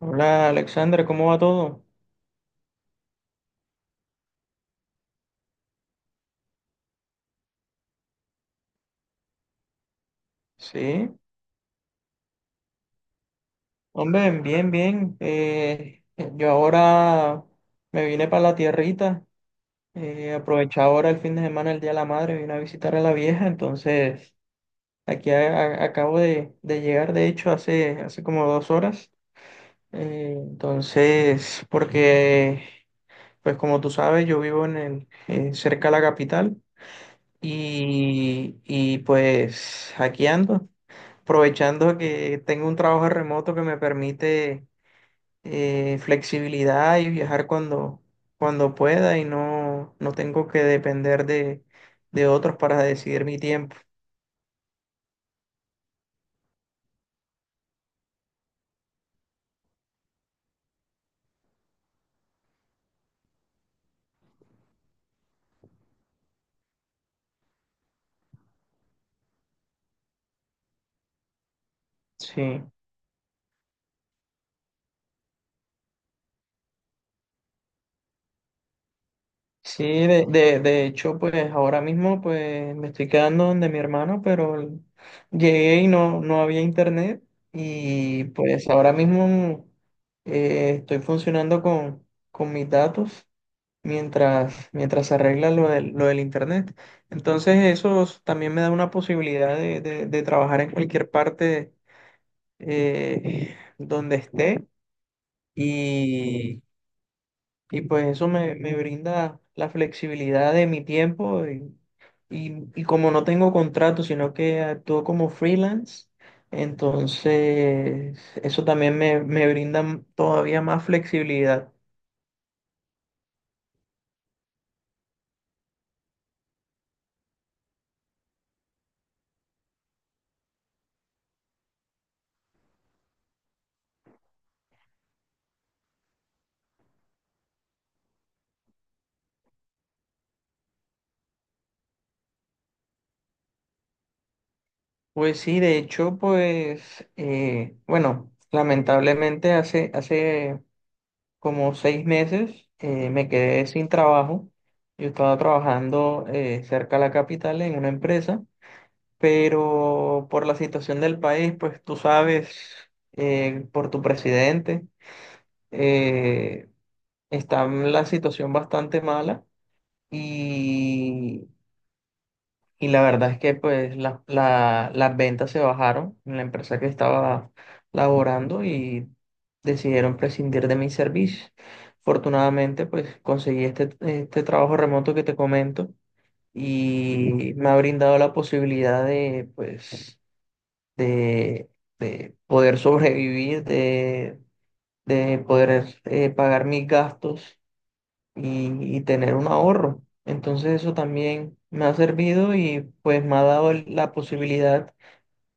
Hola Alexandra, ¿cómo va todo? Sí, hombre, bien, bien. Yo ahora me vine para la tierrita, aproveché ahora el fin de semana, el Día de la Madre, vine a visitar a la vieja, entonces aquí acabo de llegar, de hecho, hace como dos horas. Eh, entonces, porque, pues como tú sabes, yo vivo cerca de la capital y pues aquí ando. Aprovechando que tengo un trabajo remoto que me permite flexibilidad y viajar cuando pueda y no, no tengo que depender de otros para decidir mi tiempo. Sí, sí, de hecho, pues ahora mismo pues me estoy quedando donde mi hermano, pero llegué y no, no había internet y pues ahora mismo estoy funcionando con mis datos mientras se arregla lo del internet. Entonces eso también me da una posibilidad de trabajar en cualquier parte donde esté y, y pues eso me brinda la flexibilidad de mi tiempo y como no tengo contrato, sino que actúo como freelance. Entonces, eso también me brinda todavía más flexibilidad. Pues sí, de hecho, pues, bueno, lamentablemente hace como seis meses me quedé sin trabajo. Yo estaba trabajando cerca de la capital en una empresa, pero por la situación del país, pues tú sabes, por tu presidente, eh, está la situación bastante mala y Y la verdad es que pues las ventas se bajaron en la empresa que estaba laborando y decidieron prescindir de mis servicios. Afortunadamente pues conseguí este, este trabajo remoto que te comento y me ha brindado la posibilidad de pues de, de poder sobrevivir, de poder pagar mis gastos y tener un ahorro. Entonces eso también me ha servido y pues me ha dado la posibilidad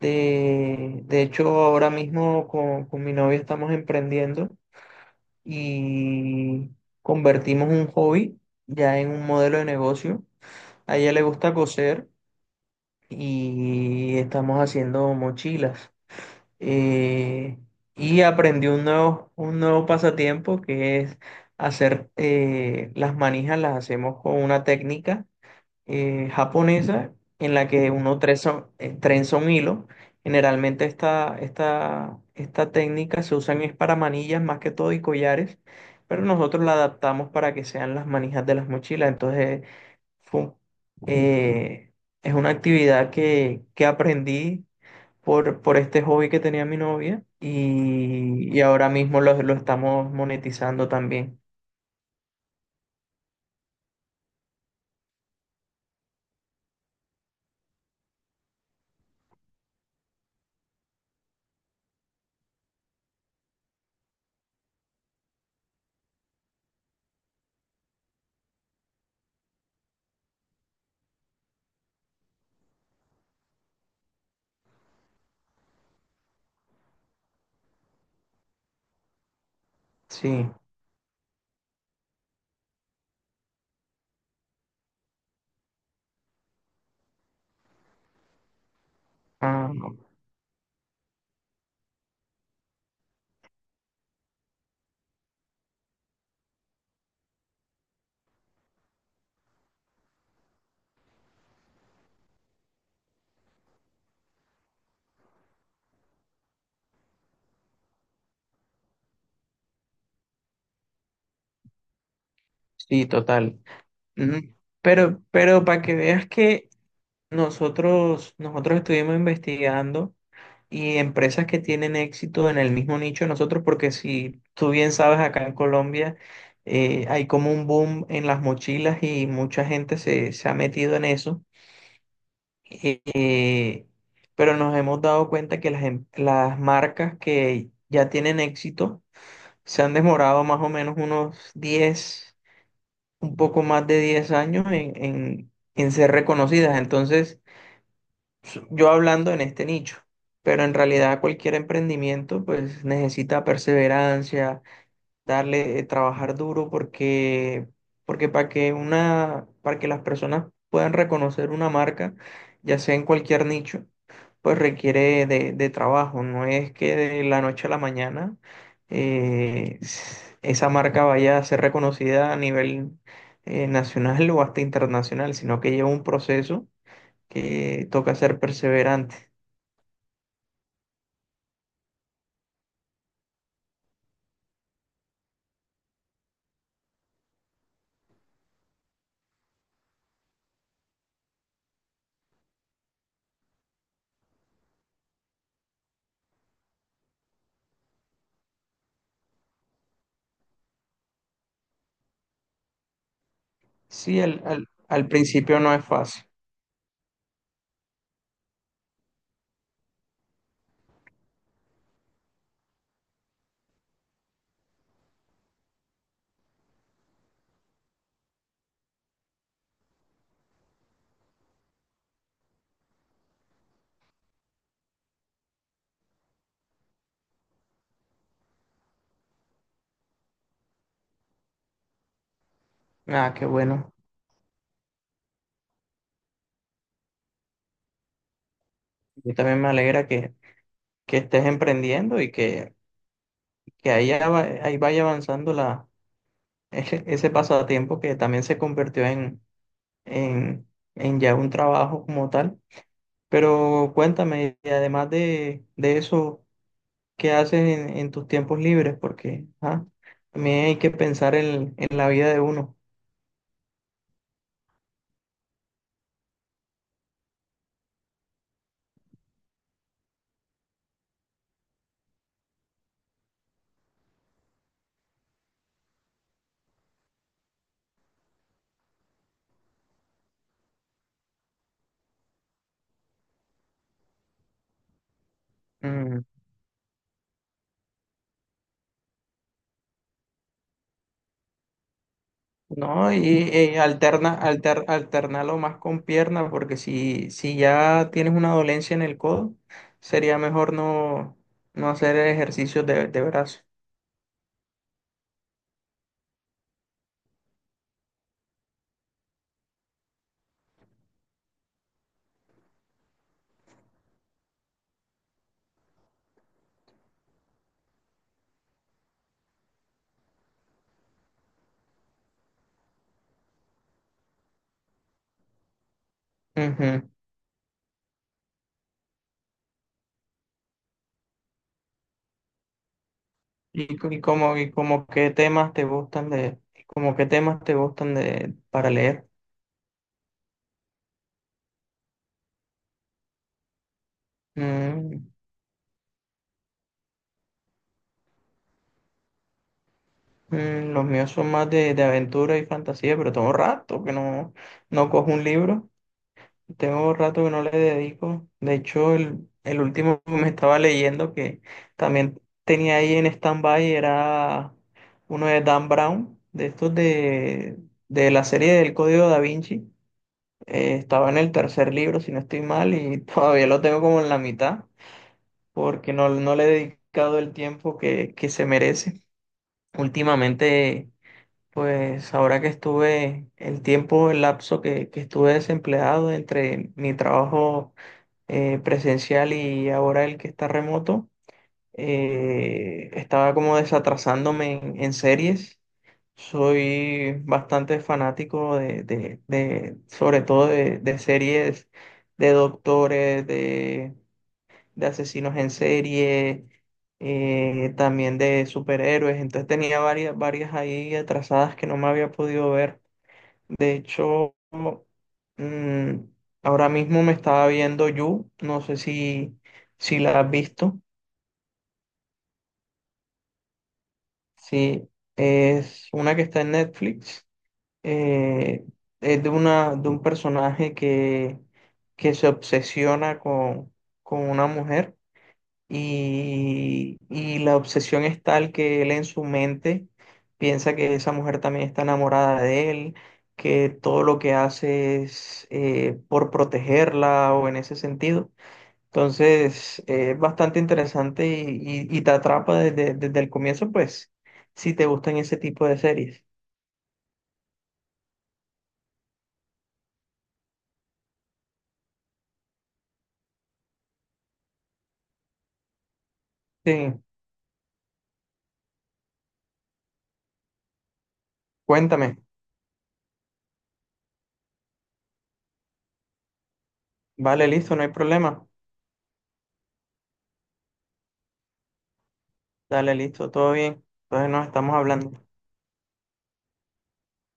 de hecho ahora mismo con mi novia estamos emprendiendo y convertimos un hobby ya en un modelo de negocio. A ella le gusta coser y estamos haciendo mochilas, eh, y aprendí un nuevo pasatiempo que es hacer las manijas, las hacemos con una técnica japonesa en la que uno trenza un hilo. Generalmente esta técnica se usa es para manillas más que todo y collares, pero nosotros la adaptamos para que sean las manijas de las mochilas. Entonces, fue un- eh, es una actividad que aprendí por este hobby que tenía mi novia y ahora mismo lo estamos monetizando también. Sí, ah, sí, total. Mm. Pero para que veas que nosotros estuvimos investigando y empresas que tienen éxito en el mismo nicho de nosotros, porque si tú bien sabes, acá en Colombia hay como un boom en las mochilas y mucha gente se, se ha metido en eso. eh, pero nos hemos dado cuenta que las marcas que ya tienen éxito se han demorado más o menos unos 10 un poco más de 10 años en ser reconocidas. Entonces, yo hablando en este nicho, pero en realidad cualquier emprendimiento pues necesita perseverancia, darle, trabajar duro porque, porque para que una, para que las personas puedan reconocer una marca, ya sea en cualquier nicho, pues requiere de trabajo. No es que de la noche a la mañana esa marca vaya a ser reconocida a nivel nacional o hasta internacional, sino que lleva un proceso que toca ser perseverante. Sí, al principio no es fácil. Ah, qué bueno. Yo también me alegra que estés emprendiendo que ahí, ya ahí vaya avanzando la, ese pasatiempo que también se convirtió en, en ya un trabajo como tal. Pero cuéntame, y además de eso, ¿qué haces en tus tiempos libres? Porque ah, también hay que pensar en la vida de uno. ¿No? Y alternalo más con pierna, porque si, si ya tienes una dolencia en el codo, sería mejor no, no hacer ejercicios de brazo. Ujú. ¿Y, y como qué temas te gustan de, como qué temas te gustan de, para leer? Mm, mm, los míos son más de aventura y fantasía, pero tengo rato que no, no cojo un libro. Tengo rato que no le dedico. De hecho, el último que me estaba leyendo que también tenía ahí en stand-by era uno de Dan Brown, de estos de la serie del Código Da Vinci. Estaba en el tercer libro, si no estoy mal, y todavía lo tengo como en la mitad, porque no, no le he dedicado el tiempo que se merece. Últimamente, pues ahora que estuve, el tiempo, el lapso que estuve desempleado entre mi trabajo presencial y ahora el que está remoto, estaba como desatrasándome en series. Soy bastante fanático sobre todo de series de doctores, de asesinos en serie, también de superhéroes. Entonces tenía varias, varias ahí atrasadas que no me había podido ver. De hecho, mm, ahora mismo me estaba viendo You, no sé si, si la has visto. Sí, es una que está en Netflix. eh, de un personaje que se obsesiona con una mujer y la obsesión es tal que él en su mente piensa que esa mujer también está enamorada de él, que todo lo que hace es por protegerla o en ese sentido. Entonces, es bastante interesante y te atrapa desde, desde el comienzo, pues, si te gustan ese tipo de series. Sí, cuéntame. Vale, listo, no hay problema. Dale, listo, todo bien. Entonces nos estamos hablando.